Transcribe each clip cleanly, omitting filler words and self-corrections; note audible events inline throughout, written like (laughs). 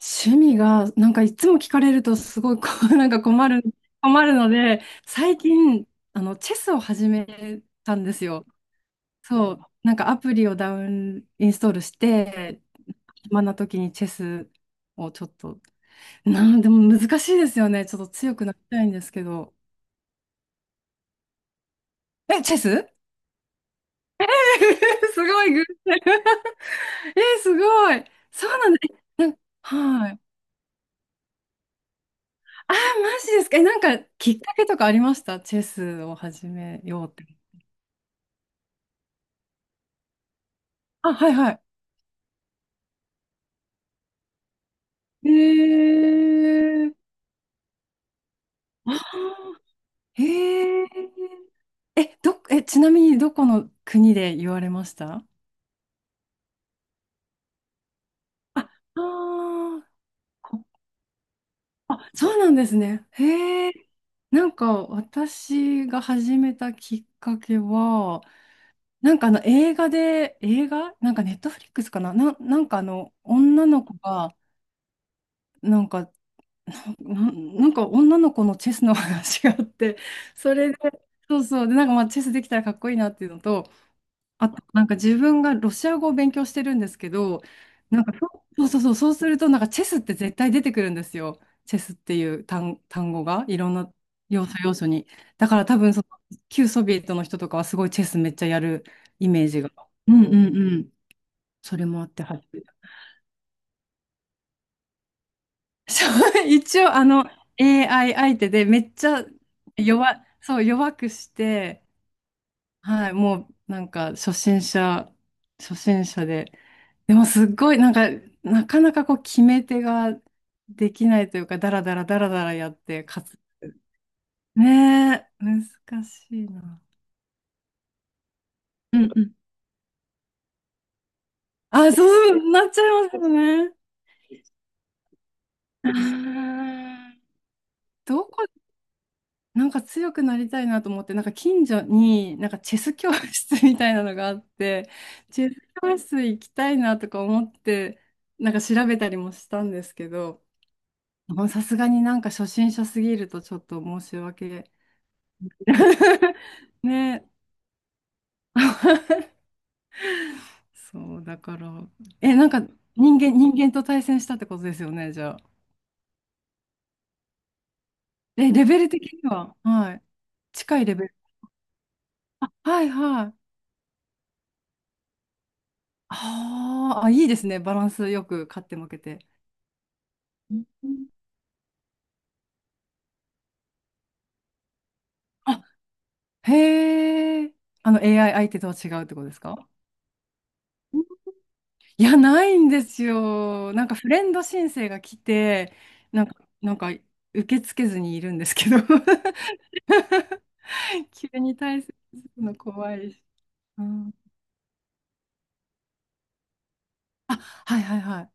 趣味が、いつも聞かれるとすごいこう、(laughs) なんか困るので、最近、チェスを始めたんですよ。そう、なんかアプリをダウン、インストールして、暇な時にチェスをちょっと、なんでも難しいですよね。ちょっと強くなりたいんですけど。え、チェス。 (laughs) すごい偶然。 (laughs) え、すごい。そうなんだ。えなんはい。あー、マジですか。え、なんかきっかけとかありました？チェスを始めようって。あ、はいはい。へえ。(gasps) ああ、へえ。え、ちなみにどこの国で言われました？あ、あーこあ、そうなんですね。へえ。なんか私が始めたきっかけは、なんかあの映画で、映画なんかネットフリックスかな、なんかあの女の子が、なんかなんか女の子のチェスの話があって、それで、そうそう、で、なんかまあチェスできたらかっこいいなっていうのと、あとなんか自分がロシア語を勉強してるんですけど、なんかそうそうそうそう、そうするとなんかチェスって絶対出てくるんですよ。チェスっていう単語がいろんな要素要素に。だから多分その旧ソビエトの人とかはすごいチェスめっちゃやるイメージが。うんうんうん。それもあって、はい。そう、一応、あの、AI 相手でめっちゃ弱、そう、弱くして、はい、もう、なんか、初心者で、でも、すっごい、なんか、なかなかこう、決め手ができないというか、だらだらだらだらやって、勝つ、ねえ、難しいな。うんうん。あ、そう、なっちゃいますよね。(laughs) あーどこなんか強くなりたいなと思って、なんか近所になんかチェス教室みたいなのがあって、チェス教室行きたいなとか思って、なんか調べたりもしたんですけど、まあさすがになんか初心者すぎるとちょっと申し訳。(laughs) ね。そう、だから。え、なんか人間と対戦したってことですよね、じゃあ。え、レベル的には、はい。近いレベル。はいはい。あーあ、いいですね。バランスよく勝って負けて。うんあ、へえ。あの AI 相手とは違うってことですか？いや、ないんですよ。なんかフレンド申請が来て、なんか、なんか受け付けずにいるんですけど。 (laughs) 急に対するの怖いし。うん、あ、はいはいはい。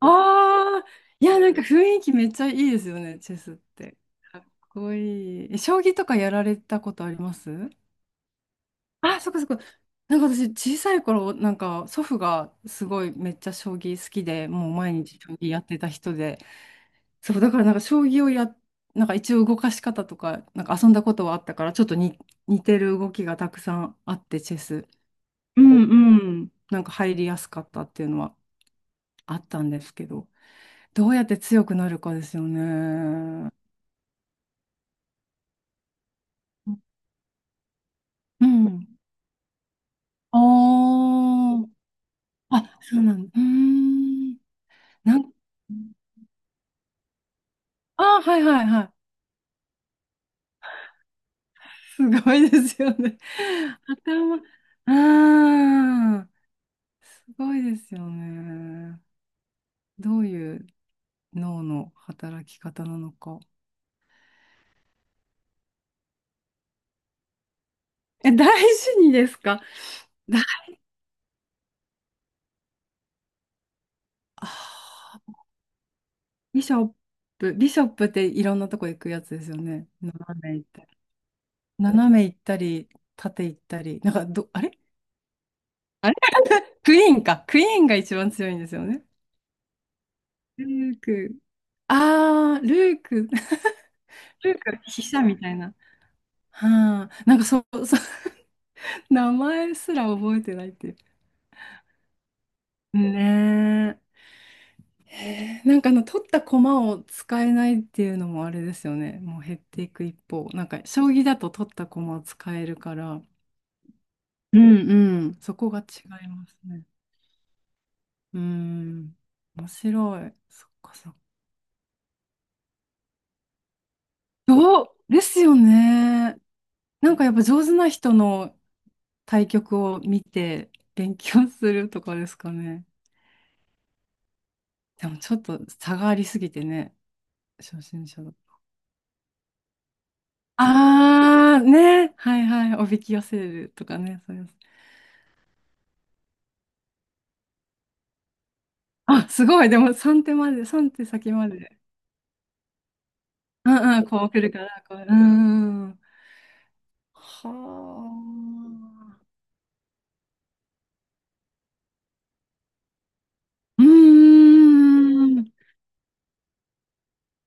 ああ、いや、なんか雰囲気めっちゃいいですよね、チェスって。かっこいい。え将棋とかやられたことあります？あ、そっかそっか。なんか私、小さい頃、なんか祖父がすごいめっちゃ将棋好きで、もう毎日将棋やってた人で、そう、だからなんか将棋をや、なんか一応動かし方とか、なんか遊んだことはあったから、ちょっとに似てる動きがたくさんあって、チェス。うんうん。なんか入りやすかったっていうのはあったんですけど、どうやって強くなるかですよね。うん。ああ、あ、そうなんだ。うーん。なんああ、はいはいはい。すごいですよね。(laughs) 頭、ああ、すごいですよね。どういう脳の働き方なのか。え、大事にですか？だ、あービショップ、ビショップっていろんなとこ行くやつですよね。斜め行ったり。斜め行ったり、縦行ったり。なんかど、あれあれ。 (laughs) クイーンか。クイーンが一番強いんですよね。ルーク。ああ、ルーク。(laughs) ルーク、飛車みたいな。はあ、なんかそう、そう。 (laughs) 名前すら覚えてないっていう。ねえ。へえなんかあの取った駒を使えないっていうのもあれですよね。もう減っていく一方。なんか将棋だと取った駒を使えるから。うんうん。そこが違いますね。うん。面白い。そっかそっか。どうですよね。なんかやっぱ上手な人の対局を見て勉強するとかですかね。でもちょっと差がありすぎてね。初心者だ。あー、ね。はいはい。おびき寄せるとかね。そうです。あ、すごい。でも三手まで、3手先まで。うんうん、こう来るから、こう。うんうん。はあ。うーん。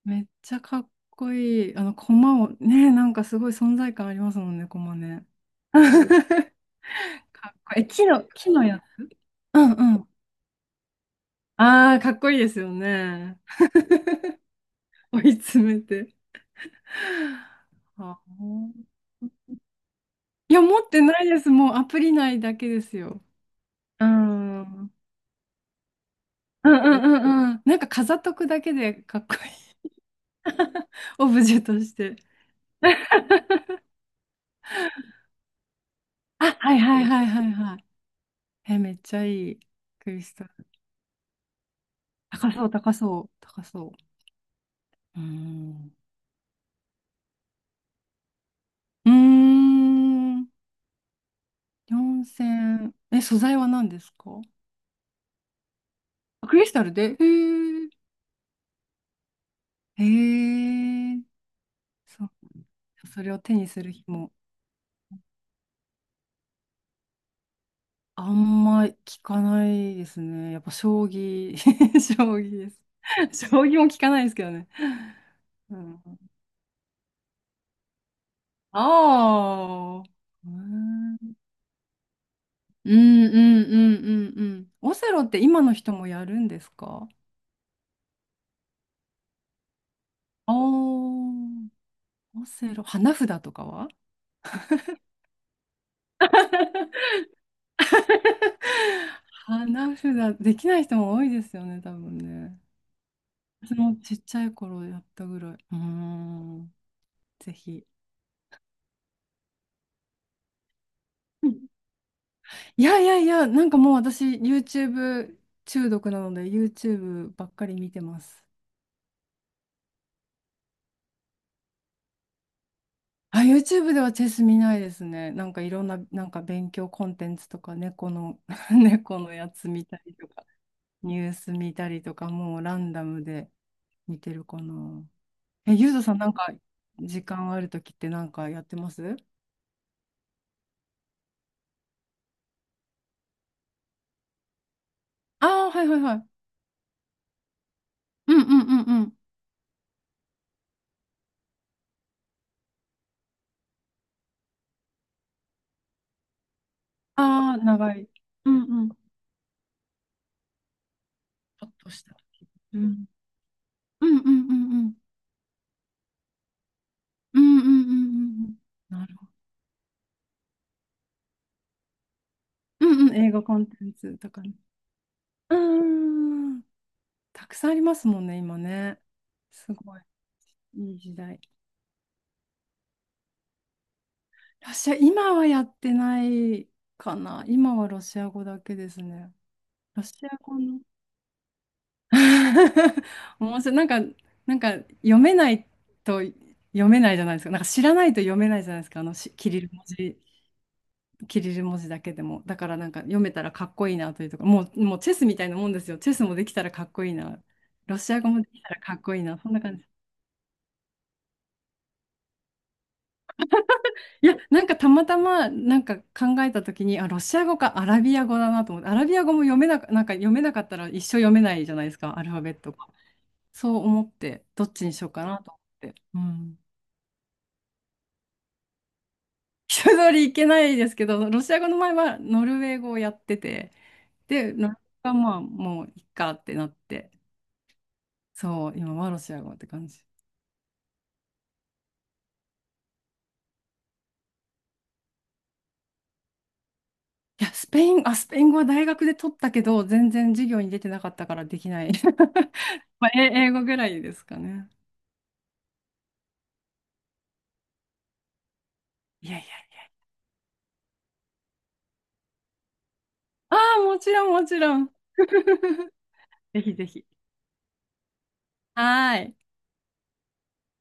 めっちゃかっこいい。あの、駒を、ね、なんかすごい存在感ありますもんね、駒ね。(laughs) かっこいい。木の、木のや。うんうん。ああ、かっこいいですよね。追い詰めて。はあいや、持ってないです。もうアプリ内だけですよ。うん。うんうんうんうん。なんか飾っとくだけでかっこいい。(laughs) オブジェとして。あ、はいはいはいはいはい。え、めっちゃいい。クリスタル。高そう、高そう、高そう。うーん。うーん。4000。え、素材は何ですか？あクリスタルでへえ。へえ。そう。それを手にする日も。あんま聞かないですね。やっぱ将棋、(laughs) 将棋です。将棋も聞かないですけどね。うん、ああ、うん、うんうんうんうんうん。オセロって今の人もやるんですか？ああー、オセロ、花札とかは。 (laughs) 花札、できない人も多いですよね、多分ね。私もちっちゃい頃やったぐらい。うーん、ぜひ。いやいやいや、なんかもう私 YouTube 中毒なので YouTube ばっかり見てます。あ、YouTube ではチェス見ないですね。なんかいろんな、なんか勉強コンテンツとか猫の (laughs) 猫のやつ見たりとか、ニュース見たりとか、もうランダムで見てるかな。え、ゆうとさんなんか時間あるときってなんかやってます？ああー、はいはいはい。うんうんうんうん。ああ、長い。うんうん。ちょっとした。うん。うんうんうんうん。うんうんうんうんうん。なるほど。うんうん、映画コンテンツとかね。うん。たくさんありますもんね、今ね。すごい。いい時代。ロシア、今はやってないかな。今はロシア語だけですね。ロシア語の。(laughs) 面白い。なんか、なんか読めないと読めないじゃないですか。なんか知らないと読めないじゃないですか。あのしキリル文字。キリル文字だけでも。だからなんか読めたらかっこいいなというとか、もう、もうチェスみたいなもんですよ。チェスもできたらかっこいいな。ロシア語もできたらかっこいいな。そんな感じ。いや、なんかたまたまなんか考えたときに、あ、ロシア語かアラビア語だなと思って、アラビア語も読めなか、なんか読めなかったら一生読めないじゃないですか、アルファベットが。そう思って、どっちにしようかなと思って。うん。一通りいけないですけど、ロシア語の前はノルウェー語をやってて、で、ノルウェー語がまあもういっかってなって。そう、今はロシア語って感じ。いや、スペイン、あ、スペイン語は大学で取ったけど、全然授業に出てなかったからできない。(laughs) まあ、え英語ぐらいですかね。いやいや。ああ、もちろん、もちろん。(laughs) ぜひぜひ。はーい。